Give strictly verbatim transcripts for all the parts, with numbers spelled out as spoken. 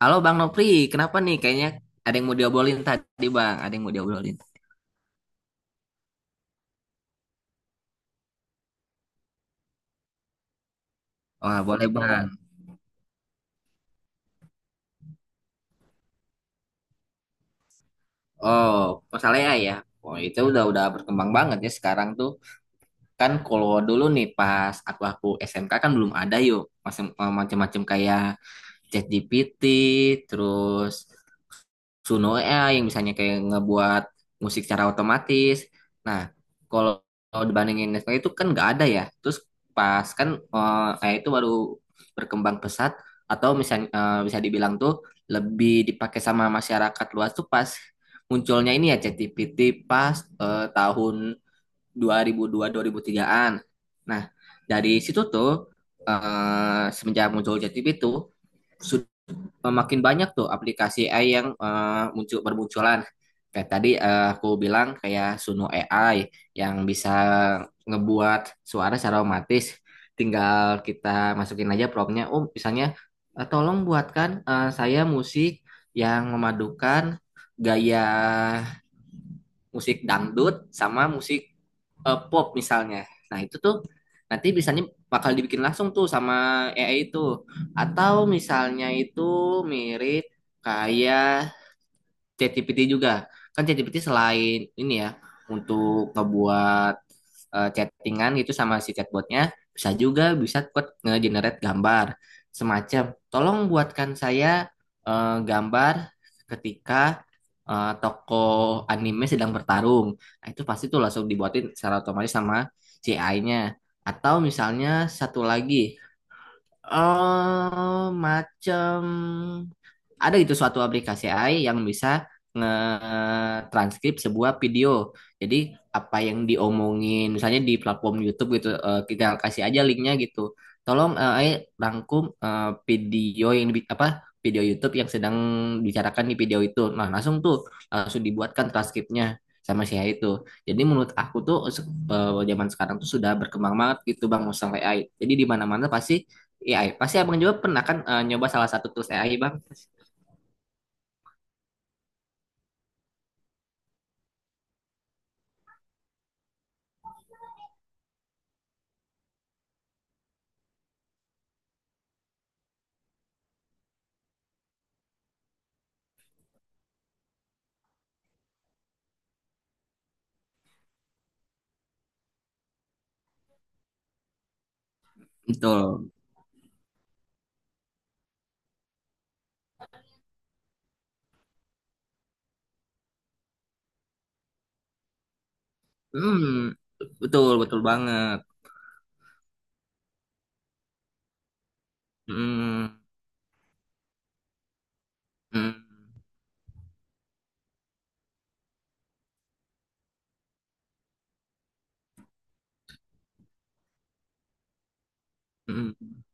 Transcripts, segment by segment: Halo Bang Nopri, kenapa nih? Kayaknya ada yang mau diobrolin tadi Bang, ada yang mau diobrolin. Wah boleh Bang. Oh, masalahnya ya. Oh, itu udah udah berkembang banget ya sekarang tuh. Kan kalau dulu nih pas aku aku S M K kan belum ada yuk. Macam- Macem-macem kayak ChatGPT, terus Suno A I yang misalnya kayak ngebuat musik secara otomatis. Nah, kalau kalau dibandingin Netflix itu kan nggak ada ya. Terus pas kan eh, A I itu baru berkembang pesat, atau misalnya eh, bisa dibilang tuh lebih dipakai sama masyarakat luas tuh pas munculnya ini ya ChatGPT pas eh, tahun dua ribu dua-dua ribu tiga-an. Nah, dari situ tuh eh, semenjak muncul ChatGPT tuh eh, makin banyak tuh aplikasi A I yang eh, muncul bermunculan. Kayak tadi eh, aku bilang kayak Suno A I yang bisa ngebuat suara secara otomatis. Tinggal kita masukin aja promptnya. Oh, misalnya eh, tolong buatkan eh, saya musik yang memadukan gaya musik dangdut sama musik eh, pop misalnya. Nah, itu tuh nanti bisanya bakal dibikin langsung tuh sama A I itu. Atau misalnya itu mirip kayak ChatGPT juga. Kan ChatGPT selain ini ya untuk ngebuat eh, chattingan gitu sama si chatbotnya, bisa juga bisa buat nge-generate gambar semacam tolong buatkan saya eh, gambar ketika eh, tokoh anime sedang bertarung. Nah, itu pasti tuh langsung dibuatin secara otomatis sama C I-nya. Atau misalnya satu lagi eh macam ada gitu suatu aplikasi A I yang bisa nge-transkrip sebuah video. Jadi apa yang diomongin misalnya di platform YouTube gitu eh, kita kasih aja linknya gitu. Tolong eh, A I rangkum eh, video yang di, apa video YouTube yang sedang dibicarakan di video itu. Nah, langsung tuh langsung dibuatkan transkripnya sama si A I itu. Jadi menurut aku tuh eh, zaman sekarang tuh sudah berkembang banget gitu Bang Musang A I. Jadi di mana-mana pasti A I. Pasti Abang juga pernah kan eh, nyoba salah satu tools A I, Bang? Betul. Hmm. Betul, betul banget. Hmm. Hmm. Hmm.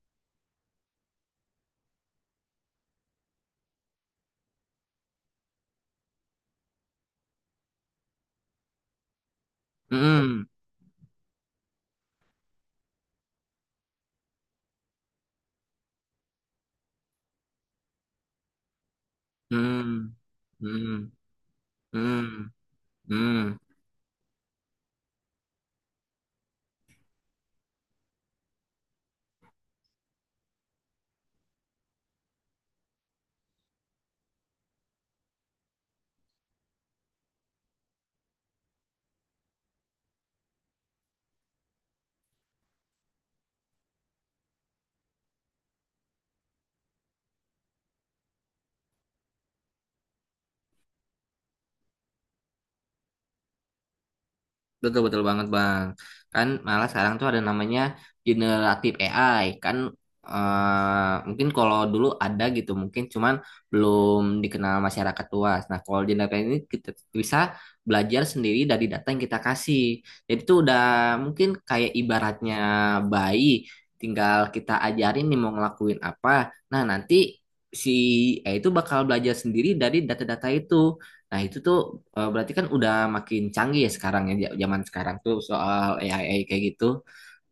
Hmm. Hmm. Hmm. Hmm. Hmm. Hmm. Betul, betul banget bang. Kan malah sekarang tuh ada namanya generatif A I. Kan eh, mungkin kalau dulu ada gitu, mungkin cuman belum dikenal masyarakat luas. Nah kalau generatif ini kita bisa belajar sendiri dari data yang kita kasih. Jadi tuh udah mungkin kayak ibaratnya bayi, tinggal kita ajarin nih mau ngelakuin apa. Nah nanti si A I itu bakal belajar sendiri dari data-data itu. Nah, itu tuh eh, berarti kan udah makin canggih ya sekarang ya ja- zaman sekarang tuh soal A I, A I kayak gitu.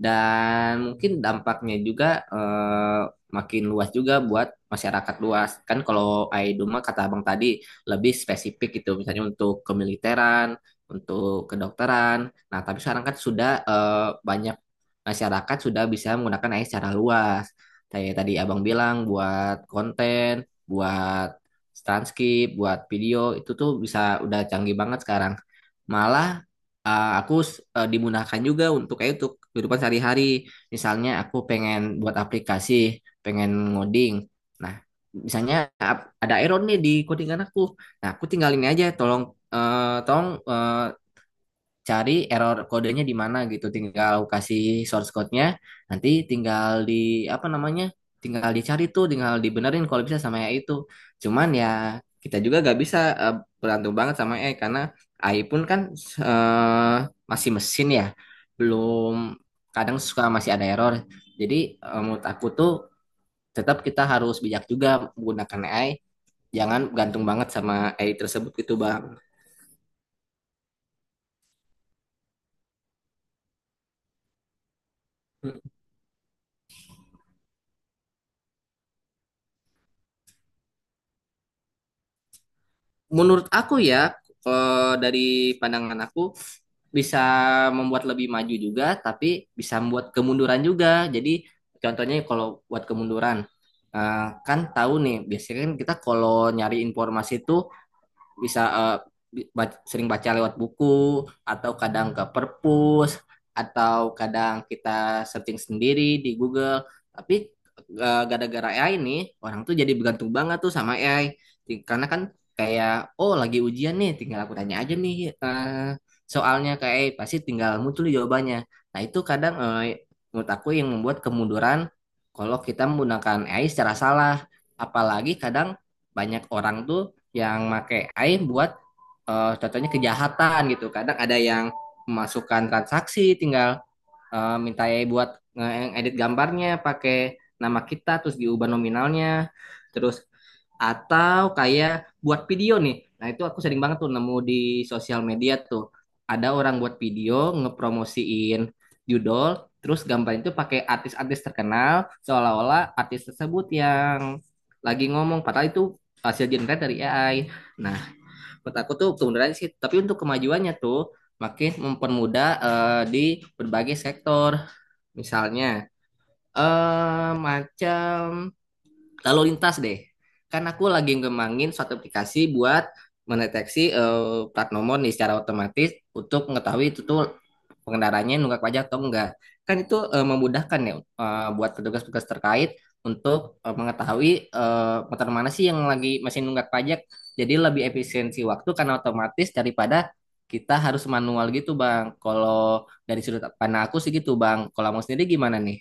Dan mungkin dampaknya juga eh, makin luas juga buat masyarakat luas. Kan kalau A I Duma kata Abang tadi lebih spesifik gitu misalnya untuk kemiliteran, untuk kedokteran. Nah, tapi sekarang kan sudah eh, banyak masyarakat sudah bisa menggunakan A I secara luas. Kayak tadi Abang bilang buat konten, buat Stanscape, buat video itu tuh bisa udah canggih banget sekarang. Malah eh, aku s- eh, dimudahkan juga untuk kayak itu kehidupan sehari-hari. Misalnya aku pengen buat aplikasi, pengen ngoding. Nah, misalnya ap- ada error nih di codingan aku. Nah, aku tinggal ini aja, tolong eh, tolong eh, cari error kodenya di mana gitu, tinggal aku kasih source code-nya, nanti tinggal di apa namanya, tinggal dicari tuh, tinggal dibenerin kalau bisa sama A I itu. Cuman ya kita juga gak bisa eh, bergantung banget sama A I, karena A I pun kan eh, masih mesin ya, belum, kadang suka masih ada error. Jadi eh, menurut aku tuh tetap kita harus bijak juga menggunakan A I, jangan gantung banget sama A I tersebut gitu bang. Menurut aku ya eh, dari pandangan aku bisa membuat lebih maju juga tapi bisa membuat kemunduran juga. Jadi contohnya kalau buat kemunduran, eh, kan tahu nih biasanya kan kita kalau nyari informasi itu bisa eh, sering baca lewat buku, atau kadang ke perpus, atau kadang kita searching sendiri di Google. Tapi eh, gara-gara A I ini orang tuh jadi bergantung banget tuh sama A I. Ti- karena kan kayak oh lagi ujian nih, tinggal aku tanya aja nih eh, soalnya ke A I pasti tinggal muncul jawabannya. Nah itu kadang eh, menurut aku yang membuat kemunduran, kalau kita menggunakan A I secara salah. Apalagi kadang banyak orang tuh yang pakai A I buat eh, contohnya kejahatan gitu. Kadang ada yang memasukkan transaksi, tinggal eh, minta A I buat edit gambarnya pakai nama kita terus diubah nominalnya. Terus atau kayak buat video nih, nah itu aku sering banget tuh nemu di sosial media tuh. Ada orang buat video ngepromosiin judol terus gambar itu pakai artis-artis terkenal, seolah-olah artis tersebut yang lagi ngomong padahal itu hasil generate dari A I. Nah menurut aku tuh kemudahan sih, tapi untuk kemajuannya tuh makin mempermudah eh, di berbagai sektor. Misalnya, eh macam lalu lintas deh. Kan aku lagi ngembangin suatu aplikasi buat mendeteksi eh, plat nomor nih secara otomatis, untuk mengetahui itu tuh pengendaranya nunggak pajak atau enggak. Kan itu eh, memudahkan ya eh, buat petugas-petugas terkait untuk eh, mengetahui eh, motor mana sih yang lagi masih nunggak pajak. Jadi lebih efisiensi waktu karena otomatis daripada kita harus manual gitu, Bang. Kalau dari sudut pandang aku sih gitu, Bang. Kalau mau sendiri gimana nih?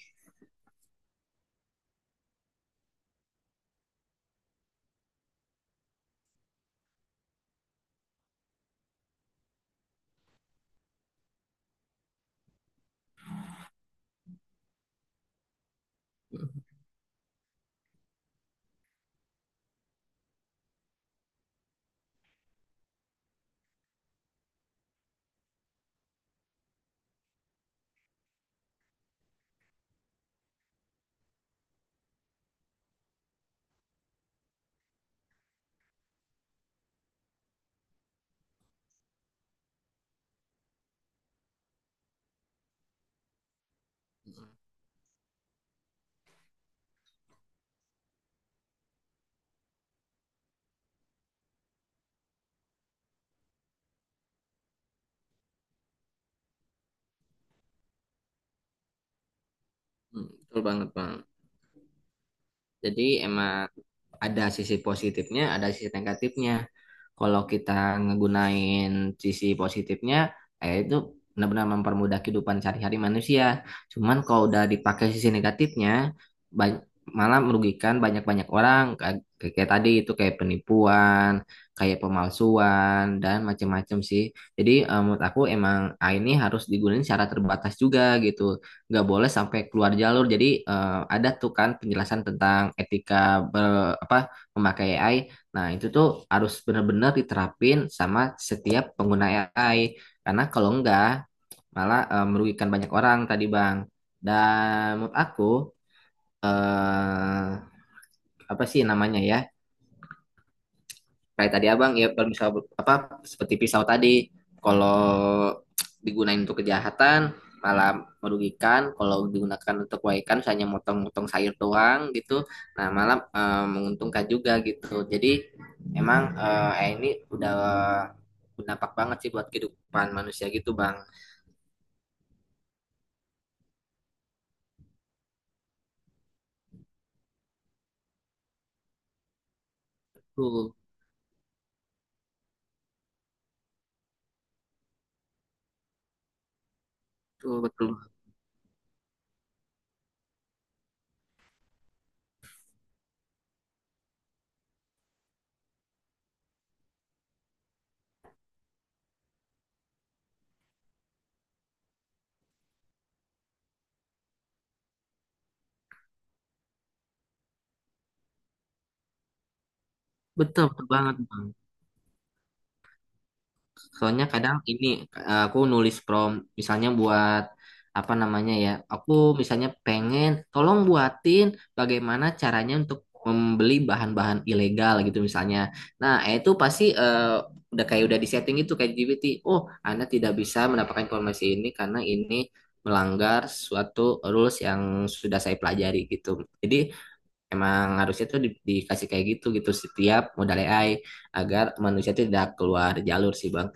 Hmm. Betul banget, Bang. Jadi emang ada sisi positifnya, ada sisi negatifnya. Kalau kita ngegunain sisi positifnya, eh itu benar-benar mempermudah kehidupan sehari-hari manusia. Cuman kalau udah dipakai sisi negatifnya, ba- malah merugikan banyak-banyak orang, kayak, kayak tadi itu kayak penipuan, kayak pemalsuan dan macam-macam sih. Jadi eh, menurut aku emang A I ini harus digunain secara terbatas juga gitu, nggak boleh sampai keluar jalur. Jadi eh, ada tuh kan penjelasan tentang etika ber, apa memakai A I. Nah, itu tuh harus benar-benar diterapin sama setiap pengguna A I. Karena kalau enggak, malah eh, merugikan banyak orang tadi, Bang. Dan menurut aku, eh, apa sih namanya ya? Kayak tadi abang ya, kalau misal apa, seperti pisau tadi, kalau digunain untuk kejahatan malah merugikan, kalau digunakan untuk kebaikan misalnya motong-motong sayur doang gitu, nah malah eh, menguntungkan juga gitu. Jadi emang eh, eh, ini udah berdampak banget sih buat kehidupan manusia gitu bang. Tuh. Tuh betul. Betul, betul banget bang. Soalnya kadang ini eh, aku nulis prompt misalnya buat apa namanya ya. Aku misalnya pengen tolong buatin bagaimana caranya untuk membeli bahan-bahan ilegal gitu misalnya. Nah, eh, itu pasti eh, udah kayak udah di setting itu kayak G P T. Oh, Anda tidak bisa mendapatkan informasi ini karena ini melanggar suatu rules yang sudah saya pelajari gitu. Jadi emang harusnya tuh di- dikasih kayak gitu gitu setiap modal A I agar manusia itu tidak keluar jalur sih Bang.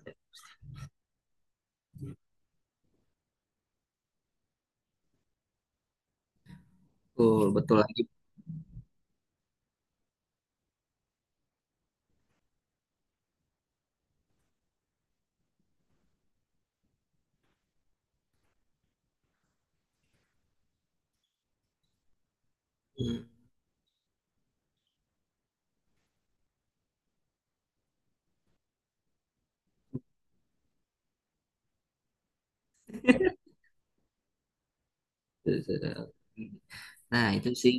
Betul, betul lagi. Nah, itu sih.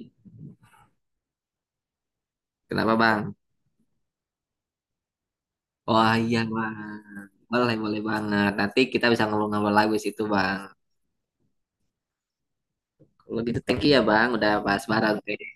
Kenapa, Bang? Wah, iya, Bang. Boleh, boleh banget. Nanti kita bisa ngobrol-ngobrol lagi situ, Bang. Kalau gitu, thank you ya, Bang. Udah bahas bareng.